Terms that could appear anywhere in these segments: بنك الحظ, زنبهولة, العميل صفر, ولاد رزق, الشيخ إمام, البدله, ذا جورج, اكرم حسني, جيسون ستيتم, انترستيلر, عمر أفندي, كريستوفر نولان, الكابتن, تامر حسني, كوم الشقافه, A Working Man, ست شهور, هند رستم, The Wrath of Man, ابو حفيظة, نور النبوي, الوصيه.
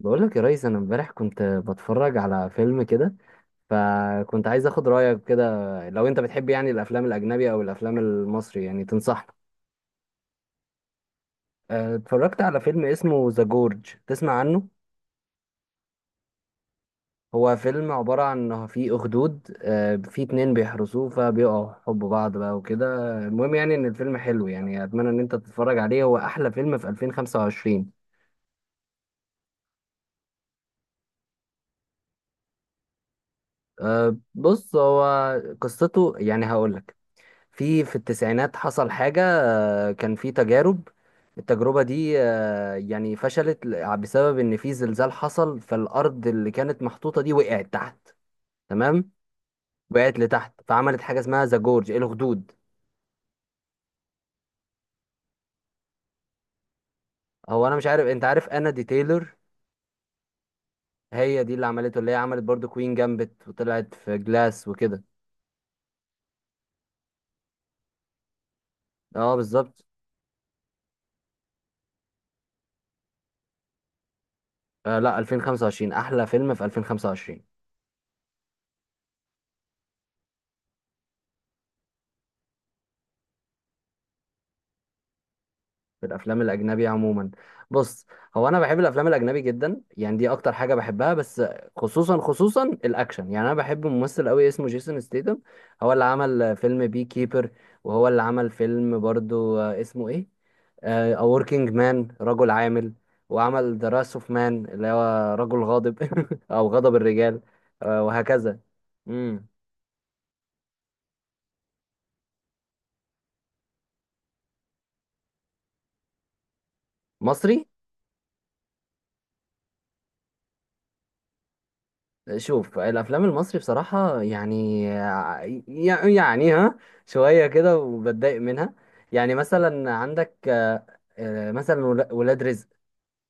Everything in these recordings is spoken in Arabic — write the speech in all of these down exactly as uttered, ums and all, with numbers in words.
بقول لك يا ريس، انا امبارح كنت بتفرج على فيلم كده. فكنت عايز اخد رايك كده، لو انت بتحب يعني الافلام الاجنبيه او الافلام المصري يعني تنصحني. أه، اتفرجت على فيلم اسمه ذا جورج. تسمع عنه؟ هو فيلم عباره عن إن في اخدود، أه، في اتنين بيحرسوه، فبيقعوا حب بعض بقى وكده. المهم يعني ان الفيلم حلو، يعني اتمنى ان انت تتفرج عليه. هو احلى فيلم في ألفين وخمسة وعشرين. أه، بص هو قصته يعني هقول لك. في في التسعينات حصل حاجة. كان في تجارب. التجربة دي آه، يعني فشلت ل- بسبب إن في زلزال حصل، فالأرض اللي كانت محطوطة دي وقعت تحت. تمام. وقعت لتحت، فعملت حاجة اسمها ذا جورج الخدود. هو أنا مش عارف، أنت عارف أنا دي تايلور؟ هي دي اللي عملته، اللي هي عملت برضو كوين جامبت وطلعت في جلاس وكده. اه بالظبط. آه لا، ألفين وخمسة وعشرين أحلى فيلم في ألفين وخمسة وعشرين. في الافلام الاجنبي عموما، بص هو انا بحب الافلام الاجنبي جدا، يعني دي اكتر حاجه بحبها. بس خصوصا خصوصا الاكشن، يعني انا بحب ممثل قوي اسمه جيسون ستيتم. هو اللي عمل فيلم بي كيبر، وهو اللي عمل فيلم برضو آه، اسمه ايه، آه، A Working Man، رجل عامل. وعمل The Wrath of Man، اللي هو رجل غاضب. او غضب الرجال. آه، وهكذا. امم مصري. شوف الافلام المصري بصراحه، يعني يع- يعني ها شويه كده، وبتضايق منها. يعني مثلا عندك، آه، آه، مثلا ولا- ولاد رزق.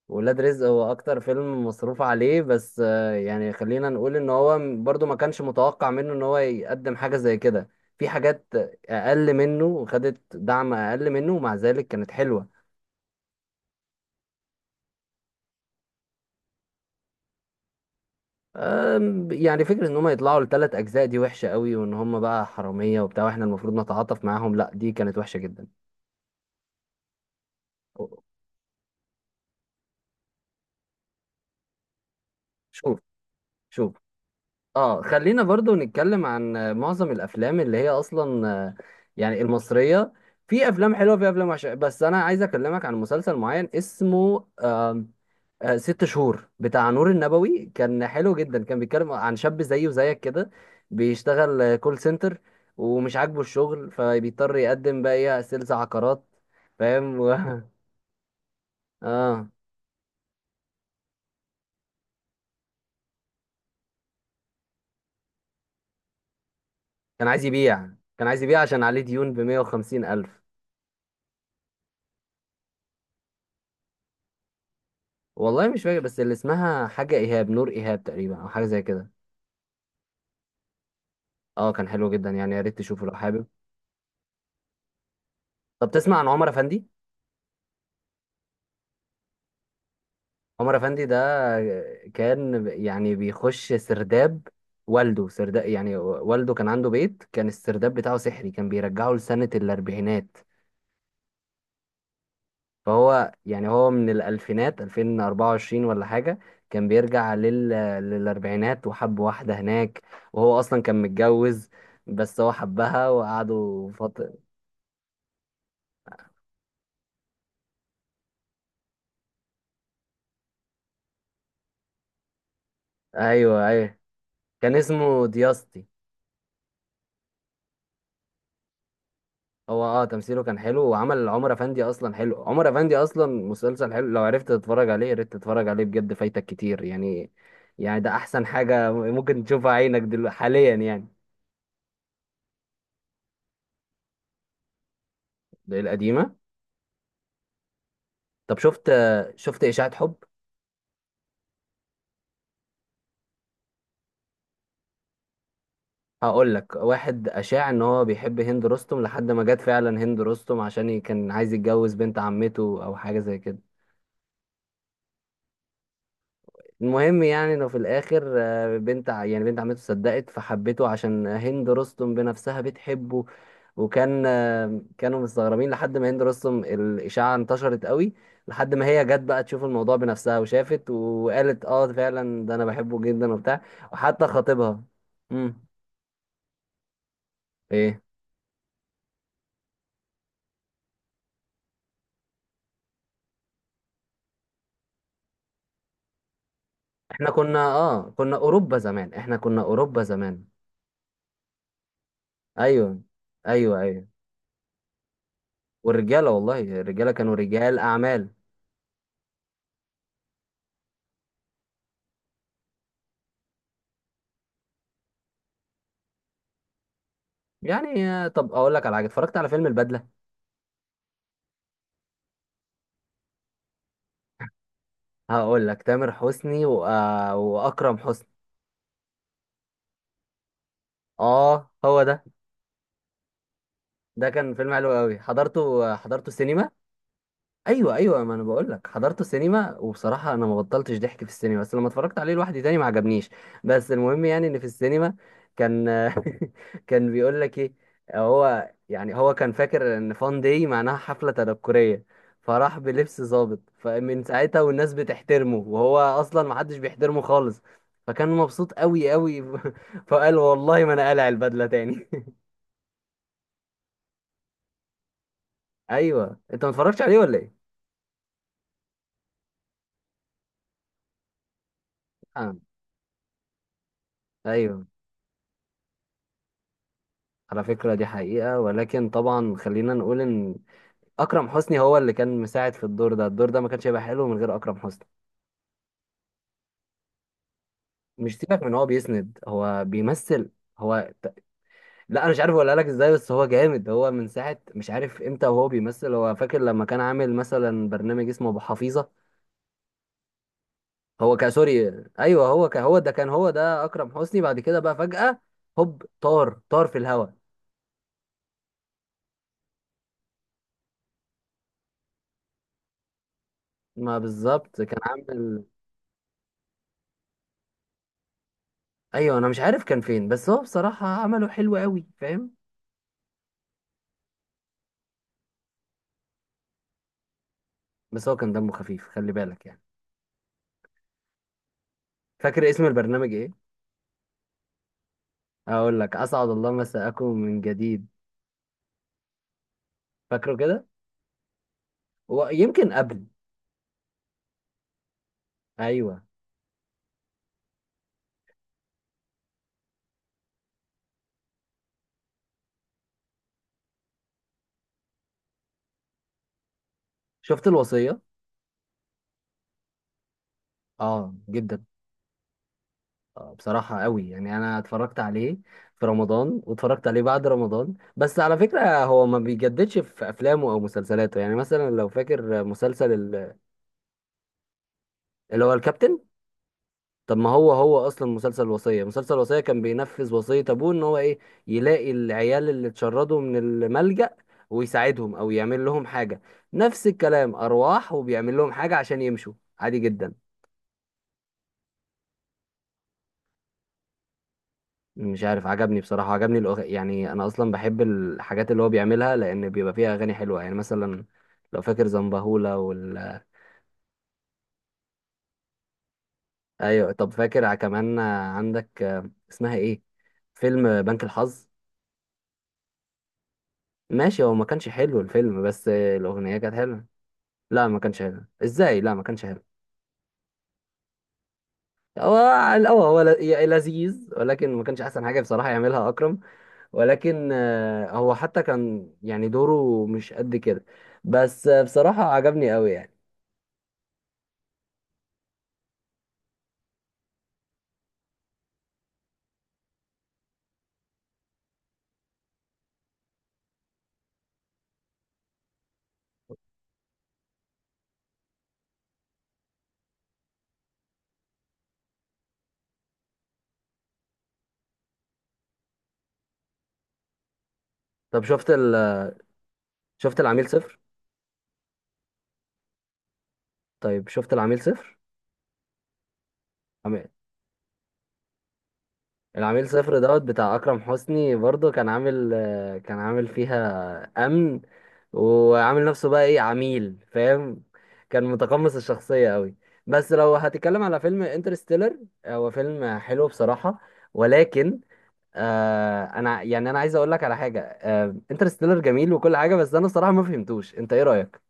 ولاد رزق هو اكتر فيلم مصروف عليه، بس آه، يعني خلينا نقول ان هو م- برضو ما كانش متوقع منه ان هو يقدم حاجه زي كده. في حاجات اقل منه، وخدت دعم اقل منه، ومع ذلك كانت حلوه. أم، يعني فكرة ان هم يطلعوا لثلاث اجزاء دي وحشة قوي، وان هم بقى حرامية وبتاع، واحنا المفروض نتعاطف معاهم، لا دي كانت وحشة جدا. شوف. شوف. اه خلينا برضو نتكلم عن آه، معظم الافلام اللي هي اصلا، آه، يعني المصرية. في افلام حلوة، في افلام وحشة، بس انا عايز اكلمك عن مسلسل معين اسمه آه، ست شهور بتاع نور النبوي. كان حلو جدا، كان بيتكلم عن شاب زيي وزيك كده، بيشتغل آه، كول سنتر، ومش عاجبه الشغل، فبيضطر يقدم بقى ايه سيلز عقارات، فاهم و... اه. كان عايز يبيع. كان عايز يبيع عشان عليه ديون ب مئة وخمسين ألف. والله مش فاكر، بس اللي اسمها حاجة إيهاب، نور إيهاب تقريبا أو حاجة زي كده. اه، كان حلو جدا، يعني يا ريت تشوفه لو حابب. طب تسمع عن عمر أفندي؟ عمر افندي ده كان يعني بيخش سرداب، والده سرداب. يعني والده كان عنده بيت، كان السرداب بتاعه سحري، كان بيرجعه لسنة الأربعينات. فهو يعني هو من الألفينات، ألفين وأربعة وعشرين ولا حاجة، كان بيرجع لل... للأربعينات، وحب واحدة هناك. وهو أصلا كان متجوز، بس هو حبها وقعدوا فترة. أيوه أيوه. كان اسمه دياستي. هو اه تمثيله كان حلو، وعمل عمر افندي اصلا حلو. عمر افندي اصلا مسلسل حلو، لو عرفت تتفرج عليه يا ريت تتفرج عليه بجد، فايتك كتير يعني. يعني ده احسن حاجة ممكن تشوفها عينك دلوقتي حاليا يعني. ده القديمة. طب شفت شفت اشاعة حب؟ هقول لك واحد اشاع ان هو بيحب هند رستم، لحد ما جت فعلا هند رستم، عشان ي- كان عايز يتجوز بنت عمته او حاجة زي كده. المهم يعني انه في الاخر، آه، بنت ع- يعني بنت عمته صدقت فحبته، عشان هند رستم بنفسها بتحبه. وكان، آه، كانوا مستغربين لحد ما هند رستم الاشاعه انتشرت قوي، لحد ما هي جت بقى تشوف الموضوع بنفسها، وشافت وقالت اه فعلا، ده انا بحبه جدا وبتاع. وحتى خطيبها. امم ايه. احنا كنا اه كنا اوروبا زمان، احنا كنا اوروبا زمان. ايوه. ايوه ايوه. والرجاله والله الرجاله كانوا رجال اعمال. يعني طب اقول لك على حاجه، اتفرجت على فيلم البدله. هقول لك تامر حسني و... آه، واكرم حسني. اه هو ده. ده كان فيلم حلو قوي، حضرته حضرته سينما. ايوه ايوه. ما انا بقول لك حضرته سينما، وبصراحه انا ما بطلتش ضحك في السينما، بس لما اتفرجت عليه لوحدي تاني ما عجبنيش. بس المهم يعني ان في السينما كان كان بيقول لك ايه. هو يعني هو كان فاكر ان فان داي معناها حفله تنكريه، فراح بلبس ظابط، فمن ساعتها والناس بتحترمه، وهو اصلا ما حدش بيحترمه خالص، فكان مبسوط قوي قوي فقال والله ما انا قالع البدله تاني ايوه، انت ما اتفرجتش عليه ولا ايه؟ آه. ايوه، على فكرة دي حقيقة، ولكن طبعا خلينا نقول ان اكرم حسني هو اللي كان مساعد في الدور ده. الدور ده ما كانش هيبقى حلو من غير اكرم حسني. مش سيبك من هو بيسند، هو بيمثل. هو ت- لا انا مش عارف اقولها لك ازاي، بس هو جامد. هو من ساعة مش عارف امتى وهو بيمثل. هو فاكر لما كان عامل مثلا برنامج اسمه ابو حفيظة. هو كان سوري. ايوه، هو كان هو ده كان هو ده اكرم حسني، بعد كده بقى فجأة هوب طار طار في الهواء. ما بالظبط كان عامل. ايوه انا مش عارف كان فين، بس هو بصراحة عمله حلو قوي، فاهم. بس هو كان دمه خفيف، خلي بالك يعني. فاكر اسم البرنامج ايه؟ هقول لك: اسعد الله مساءكم من جديد. فاكره كده؟ ويمكن قبل. ايوه. شفت الوصيه؟ اه جدا. آه بصراحه قوي، يعني انا اتفرجت عليه في رمضان، واتفرجت عليه بعد رمضان. بس على فكره هو ما بيجددش في افلامه او مسلسلاته. يعني مثلا لو فاكر مسلسل ال- اللي هو الكابتن. طب ما هو، هو اصلا مسلسل الوصيه، مسلسل الوصيه كان بينفذ وصيه ابوه، ان هو ايه يلاقي العيال اللي اتشردوا من الملجأ، ويساعدهم او يعمل لهم حاجه. نفس الكلام ارواح، وبيعمل لهم حاجه عشان يمشوا. عادي جدا. مش عارف عجبني بصراحه، عجبني الأغ... يعني انا اصلا بحب الحاجات اللي هو بيعملها، لان بيبقى فيها اغاني حلوه. يعني مثلا لو فاكر زنبهولة وال ايوه طب فاكر كمان عندك آه، اسمها ايه، فيلم بنك الحظ. ماشي، هو ما كانش حلو الفيلم، بس آه، الاغنيه كانت حلوه. لا ما كانش حلو، ازاي؟ لا ما كانش حلو. هو على الاول هو ل- ي- لذيذ، ولكن ما كانش احسن حاجه بصراحه يعملها اكرم. ولكن آه، هو حتى كان يعني دوره مش قد كده. بس آه، بصراحه عجبني قوي يعني. طب شفت ال... شفت العميل صفر. طيب شفت العميل صفر؟ العميل صفر دوت بتاع اكرم حسني، برضه كان عامل آه، كان عامل فيها امن، وعامل نفسه بقى ايه عميل، فاهم. كان متقمص الشخصيه قوي. بس لو هتتكلم على فيلم انترستيلر، هو فيلم حلو بصراحه، ولكن آه انا يعني انا عايز اقول لك على حاجه. آه انترستيلر جميل وكل حاجه، بس انا بصراحه ما فهمتوش، انت ايه رايك؟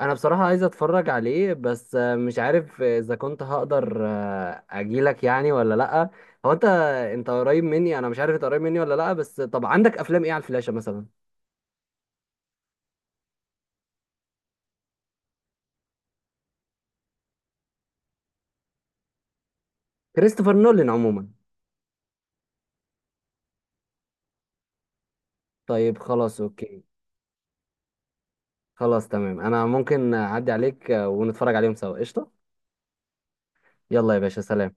انا بصراحة عايز اتفرج عليه، بس آه، مش عارف اذا كنت هقدر آه، اجيلك، يعني ولا لا. هو انت انت قريب مني، انا مش عارف انت قريب مني ولا لا، بس طب عندك افلام ايه على الفلاشة مثلا؟ كريستوفر نولان عموما. طيب خلاص، اوكي. خلاص تمام، انا ممكن اعدي عليك آه، ونتفرج عليهم سوا، قشطة. يلا يا باشا، سلام.